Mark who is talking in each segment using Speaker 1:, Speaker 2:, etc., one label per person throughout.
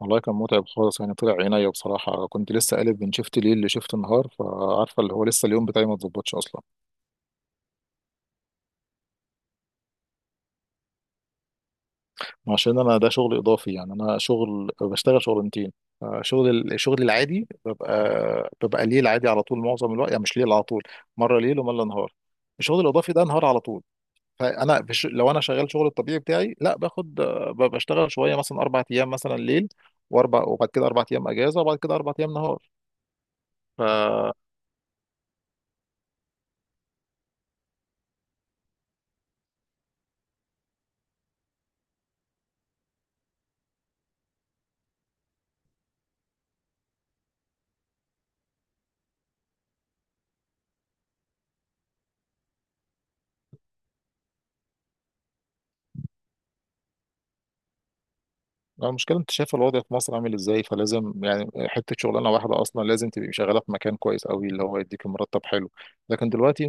Speaker 1: والله كان متعب خالص يعني طلع عينيا بصراحة. كنت لسه قالب من شفت ليل لشفت نهار، فعارفة اللي هو لسه اليوم بتاعي ما اتظبطش أصلا. عشان أنا ده شغل إضافي، يعني أنا شغل بشتغل شغلانتين. آه، شغل شغلي العادي ببقى ليل عادي على طول معظم الوقت، يعني مش ليل على طول، مرة ليل ومرة نهار. الشغل الإضافي ده نهار على طول. لو أنا شغال شغل الطبيعي بتاعي، لا باخد بشتغل شوية مثلا أربع أيام مثلا ليل، وأربع وبعد كده أربع أيام أجازة، وبعد كده أربع أيام نهار. لا، المشكلة انت شايف الوضع في مصر عامل ازاي، فلازم يعني حتة شغلانة واحدة اصلا لازم تبقي شغالة في مكان كويس قوي اللي هو يديك مرتب حلو. لكن دلوقتي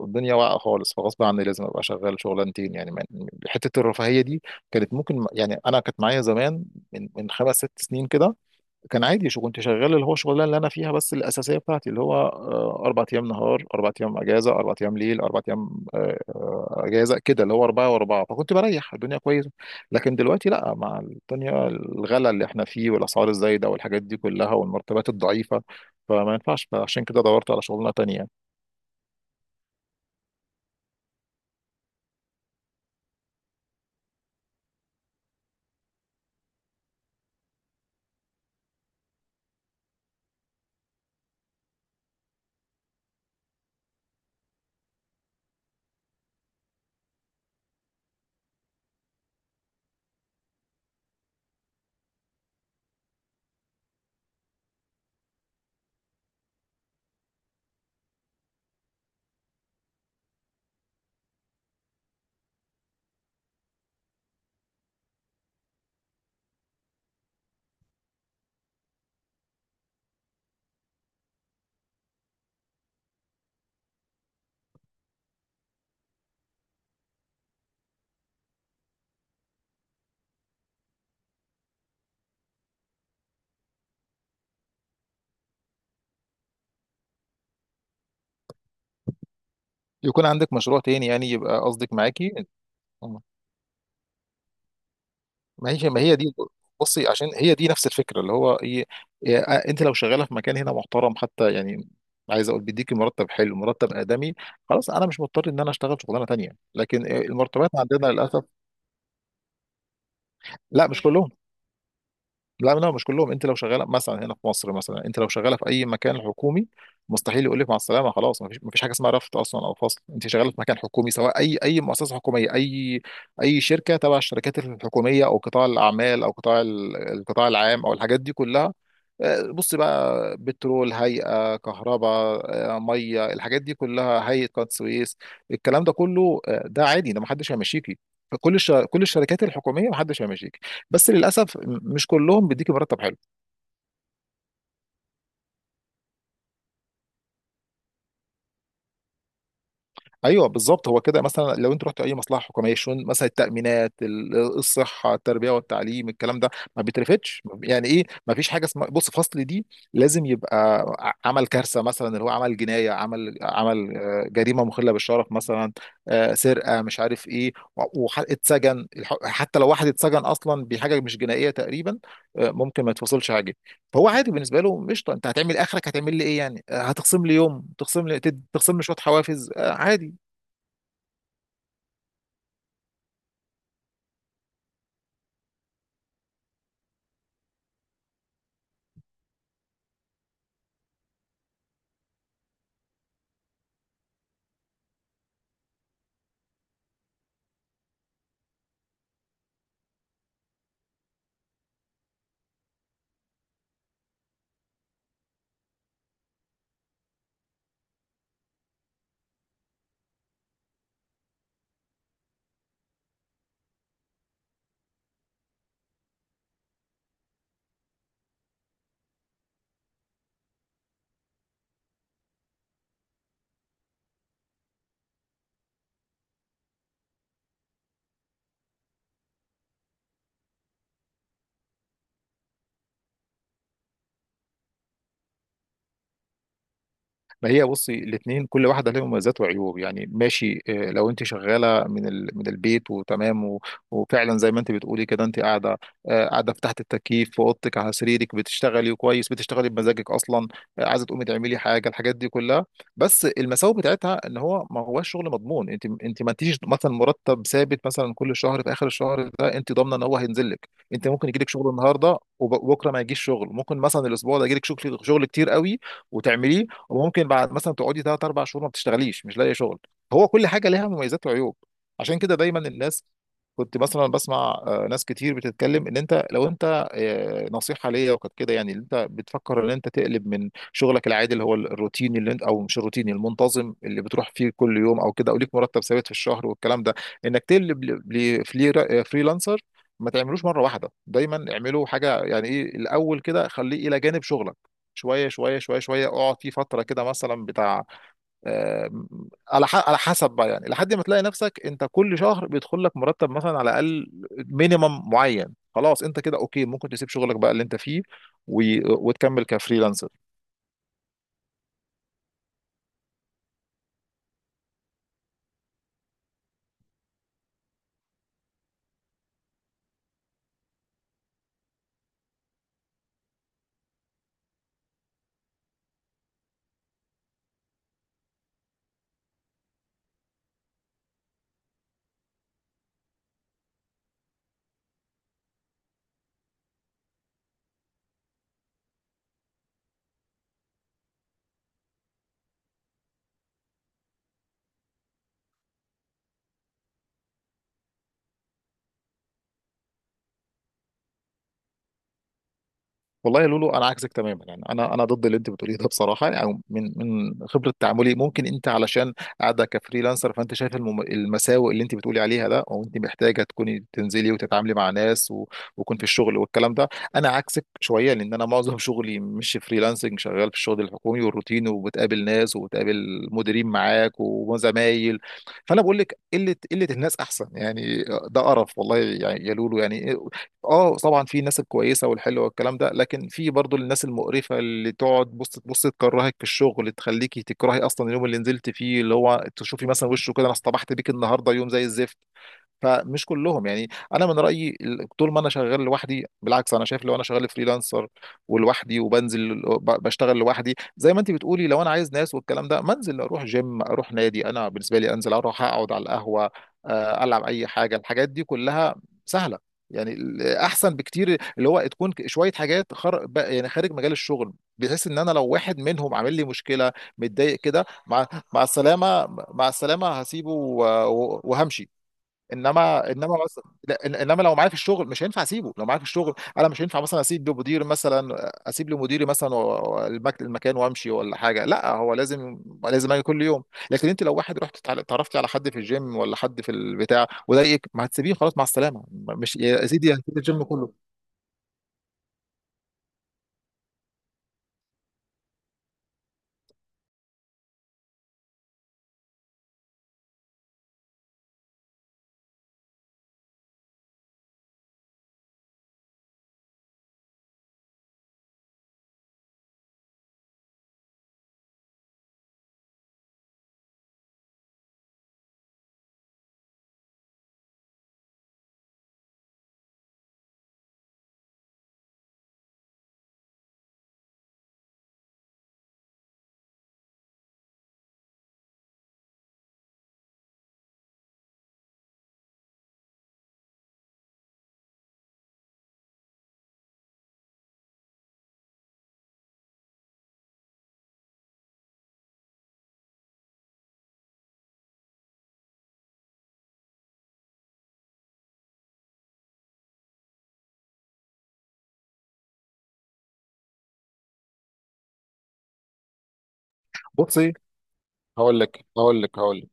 Speaker 1: الدنيا واقعة خالص، فغصب عني لازم ابقى شغال شغلانتين. يعني حتة الرفاهية دي كانت ممكن، يعني انا كانت معايا زمان، من خمس ست سنين كده كان عادي. شو كنت شغال اللي هو شغلانه اللي انا فيها بس الاساسيه بتاعتي، اللي هو آه، اربع ايام نهار اربع ايام اجازه اربع ايام ليل اربع ايام اجازه، كده اللي هو اربعه واربعه، فكنت بريح الدنيا كويسه. لكن دلوقتي لا، مع الدنيا الغلا اللي احنا فيه والاسعار الزايده والحاجات دي كلها والمرتبات الضعيفه، فما ينفعش. فعشان كده دورت على شغلانه تانية. يكون عندك مشروع تاني يعني، يبقى قصدك معاكي؟ ما هي دي، بصي، عشان هي دي نفس الفكره اللي هو ايه. إيه، آه، انت لو شغاله في مكان هنا محترم حتى، يعني عايز اقول بيديكي مرتب حلو، مرتب ادمي، خلاص انا مش مضطر ان انا اشتغل شغلانه تانيه. لكن آه، المرتبات عندنا للاسف. لا مش كلهم. لا مش كلهم. انت لو شغاله مثلا هنا في مصر، مثلا انت لو شغاله في اي مكان حكومي مستحيل يقول لك مع السلامه، خلاص. ما فيش حاجه اسمها رفض اصلا او فصل. انت شغاله في مكان حكومي، سواء اي مؤسسه حكوميه، اي اي شركه تبع الشركات الحكوميه، او قطاع الاعمال، او قطاع القطاع العام، او الحاجات دي كلها. آه، بص بقى، بترول، هيئه كهرباء، آه، ميه، الحاجات دي كلها، هيئه قناه السويس، الكلام ده كله، آه، ده عادي، ده ما حدش هيمشيكي. كل الشركات الحكوميه ما حدش هيمشيكي. بس للاسف مش كلهم بيديكي مرتب حلو. ايوه بالظبط. هو كده مثلا، لو انت رحت اي مصلحه حكوميه، شون مثلا، التامينات، الصحه، التربيه والتعليم، الكلام ده ما بيترفتش. يعني ايه، ما فيش حاجه اسمها بص فصل دي. لازم يبقى عمل كارثه، مثلا اللي هو عمل جنايه، عمل عمل آه، جريمه مخله بالشرف مثلا، آه، سرقه، مش عارف ايه، اتسجن. حتى لو واحد اتسجن اصلا بحاجه مش جنائيه تقريبا، آه، ممكن ما يتفصلش حاجه. فهو عادي بالنسبه له، قشطه، انت هتعمل اخرك هتعمل لي ايه يعني؟ آه، هتخصم لي يوم، تخصم لي تخصم لي شويه حوافز، آه، عادي. ما هي بصي الاثنين كل واحده لها مميزات وعيوب، يعني ماشي. آه، لو انت شغاله من من البيت وتمام وفعلا زي ما انت بتقولي كده، انت قاعده آه، قاعده في تحت التكييف في اوضتك على سريرك، بتشتغلي كويس، بتشتغلي بمزاجك اصلا، آه، عايزه تقومي تعملي حاجه، الحاجات دي كلها. بس المساوئ بتاعتها ان هو ما هوش شغل مضمون. انت ما انتيش مثلا مرتب ثابت مثلا كل شهر في اخر الشهر ده انت ضامنه ان هو هينزل لك. انت ممكن يجيلك شغل النهارده وبكره ما يجيش شغل، ممكن مثلا الاسبوع ده يجيلك شغل كتير قوي وتعمليه، وممكن بعد مثلا تقعدي ثلاث اربع شهور ما بتشتغليش، مش لاقي شغل. هو كل حاجه لها مميزات وعيوب. عشان كده دايما الناس، كنت مثلا بسمع آه، ناس كتير بتتكلم، ان انت لو انت آه، نصيحه ليا وكانت كده، يعني إن انت بتفكر ان انت تقلب من شغلك العادي اللي هو الروتيني اللي انت، او مش الروتيني، المنتظم اللي بتروح فيه كل يوم او كده، او ليك مرتب ثابت في الشهر والكلام ده، انك تقلب لفريلانسر، ما تعملوش مره واحده. دايما اعملوا حاجه، يعني ايه، الاول كده خليه الى جانب شغلك، شويه شويه، اقعد فيه فتره كده، مثلا بتاع آم، على على حسب بقى، يعني لحد ما تلاقي نفسك انت كل شهر بيدخل لك مرتب مثلا على الاقل مينيمم معين، خلاص انت كده اوكي، ممكن تسيب شغلك بقى اللي انت فيه وتكمل كفريلانسر. والله يا لولو انا عكسك تماما يعني. انا ضد اللي انت بتقوليه ده بصراحه، او يعني من من خبره تعاملي. ممكن انت علشان قاعده كفريلانسر، فانت شايف المساوئ اللي انت بتقولي عليها ده، او انت محتاجه تكوني تنزلي وتتعاملي مع ناس ويكون في الشغل والكلام ده. انا عكسك شويه، لان انا معظم شغلي مش فريلانسنج، شغال في الشغل الحكومي والروتين، وبتقابل ناس وبتقابل مديرين معاك وزمايل. فانا بقول لك قله، قله الناس احسن يعني. ده قرف والله يعني يا لولو يعني. اه طبعا في الناس الكويسه والحلوه والكلام ده، لكن في برضو الناس المقرفه اللي تقعد بص تبص تكرهك في الشغل، تخليكي تكرهي اصلا اليوم اللي نزلت فيه، اللي هو تشوفي مثلا وشه كده، انا اصطبحت بيك النهارده يوم زي الزفت. فمش كلهم يعني. انا من رايي طول ما انا شغال لوحدي بالعكس، انا شايف لو انا شغال فريلانسر ولوحدي وبنزل بشتغل لوحدي، زي ما انت بتقولي لو انا عايز ناس والكلام ده، منزل اروح جيم، اروح نادي. انا بالنسبه لي انزل اروح اقعد على القهوه، آه، العب اي حاجه، الحاجات دي كلها سهله يعني. احسن بكتير اللي هو تكون شويه حاجات يعني خارج مجال الشغل، بحيث ان انا لو واحد منهم عامل لي مشكله، متضايق كده، مع مع السلامه، مع السلامه، هسيبه وهمشي. انما مثلا لا، انما لو معايا في الشغل مش هينفع اسيبه. لو معايا في الشغل انا مش هينفع مثلا اسيب لمدير، مثلا اسيب لمديري مثلا المكان وامشي ولا حاجه، لا هو لازم، لازم اجي كل يوم. لكن انت لو واحد رحت اتعرفت على حد في الجيم ولا حد في البتاع وضايقك، ما هتسيبيه؟ خلاص مع السلامه، مش يا سيدي؟ بصي، هقول لك هقول لك هقول لك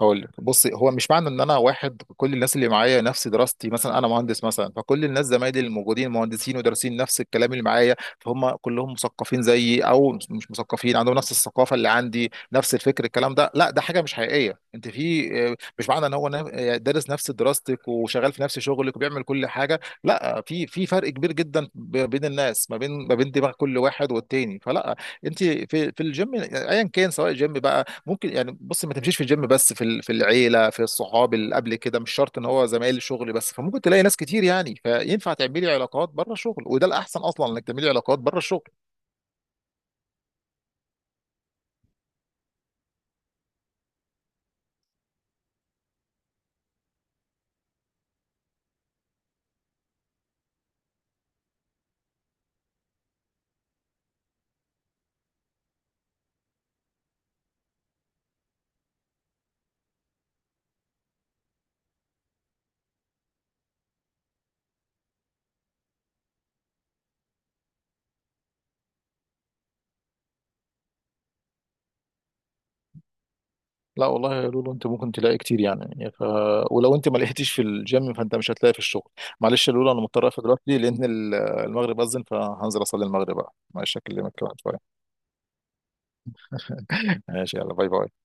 Speaker 1: هقول لك بص، هو مش معنى ان انا واحد كل الناس اللي معايا نفس دراستي، مثلا انا مهندس مثلا فكل الناس زمايلي الموجودين مهندسين ودارسين نفس الكلام اللي معايا، فهم كلهم مثقفين زيي، او مش مثقفين عندهم نفس الثقافه اللي عندي، نفس الفكر، الكلام ده لا، ده حاجه مش حقيقيه. انت في آه، مش معنى ان هو آه، دارس نفس دراستك وشغال في نفس شغلك وبيعمل كل حاجه، لا، في في فرق كبير جدا بين الناس، ما بين ما بين دماغ كل واحد والتاني، فلا. انت في في الجيم ايا كان، سواء جيم بقى ممكن يعني، بص ما تمشيش في الجيم بس، في في العيله، في الصحاب اللي قبل كده، مش شرط ان هو زمايل الشغل بس. فممكن تلاقي ناس كتير يعني، فينفع تعملي علاقات بره الشغل، وده الاحسن اصلا انك تعملي علاقات بره الشغل. لا والله يا لولو، انت ممكن تلاقي كتير يعني ولو انت ما لقيتيش في الجيم، فانت مش هتلاقي في الشغل. معلش يا لولو، انا مضطر اقفل دلوقتي لان المغرب اذن، فهنزل اصلي المغرب بقى. معلش اكلمك كمان شويه. ماشي، يلا، باي باي.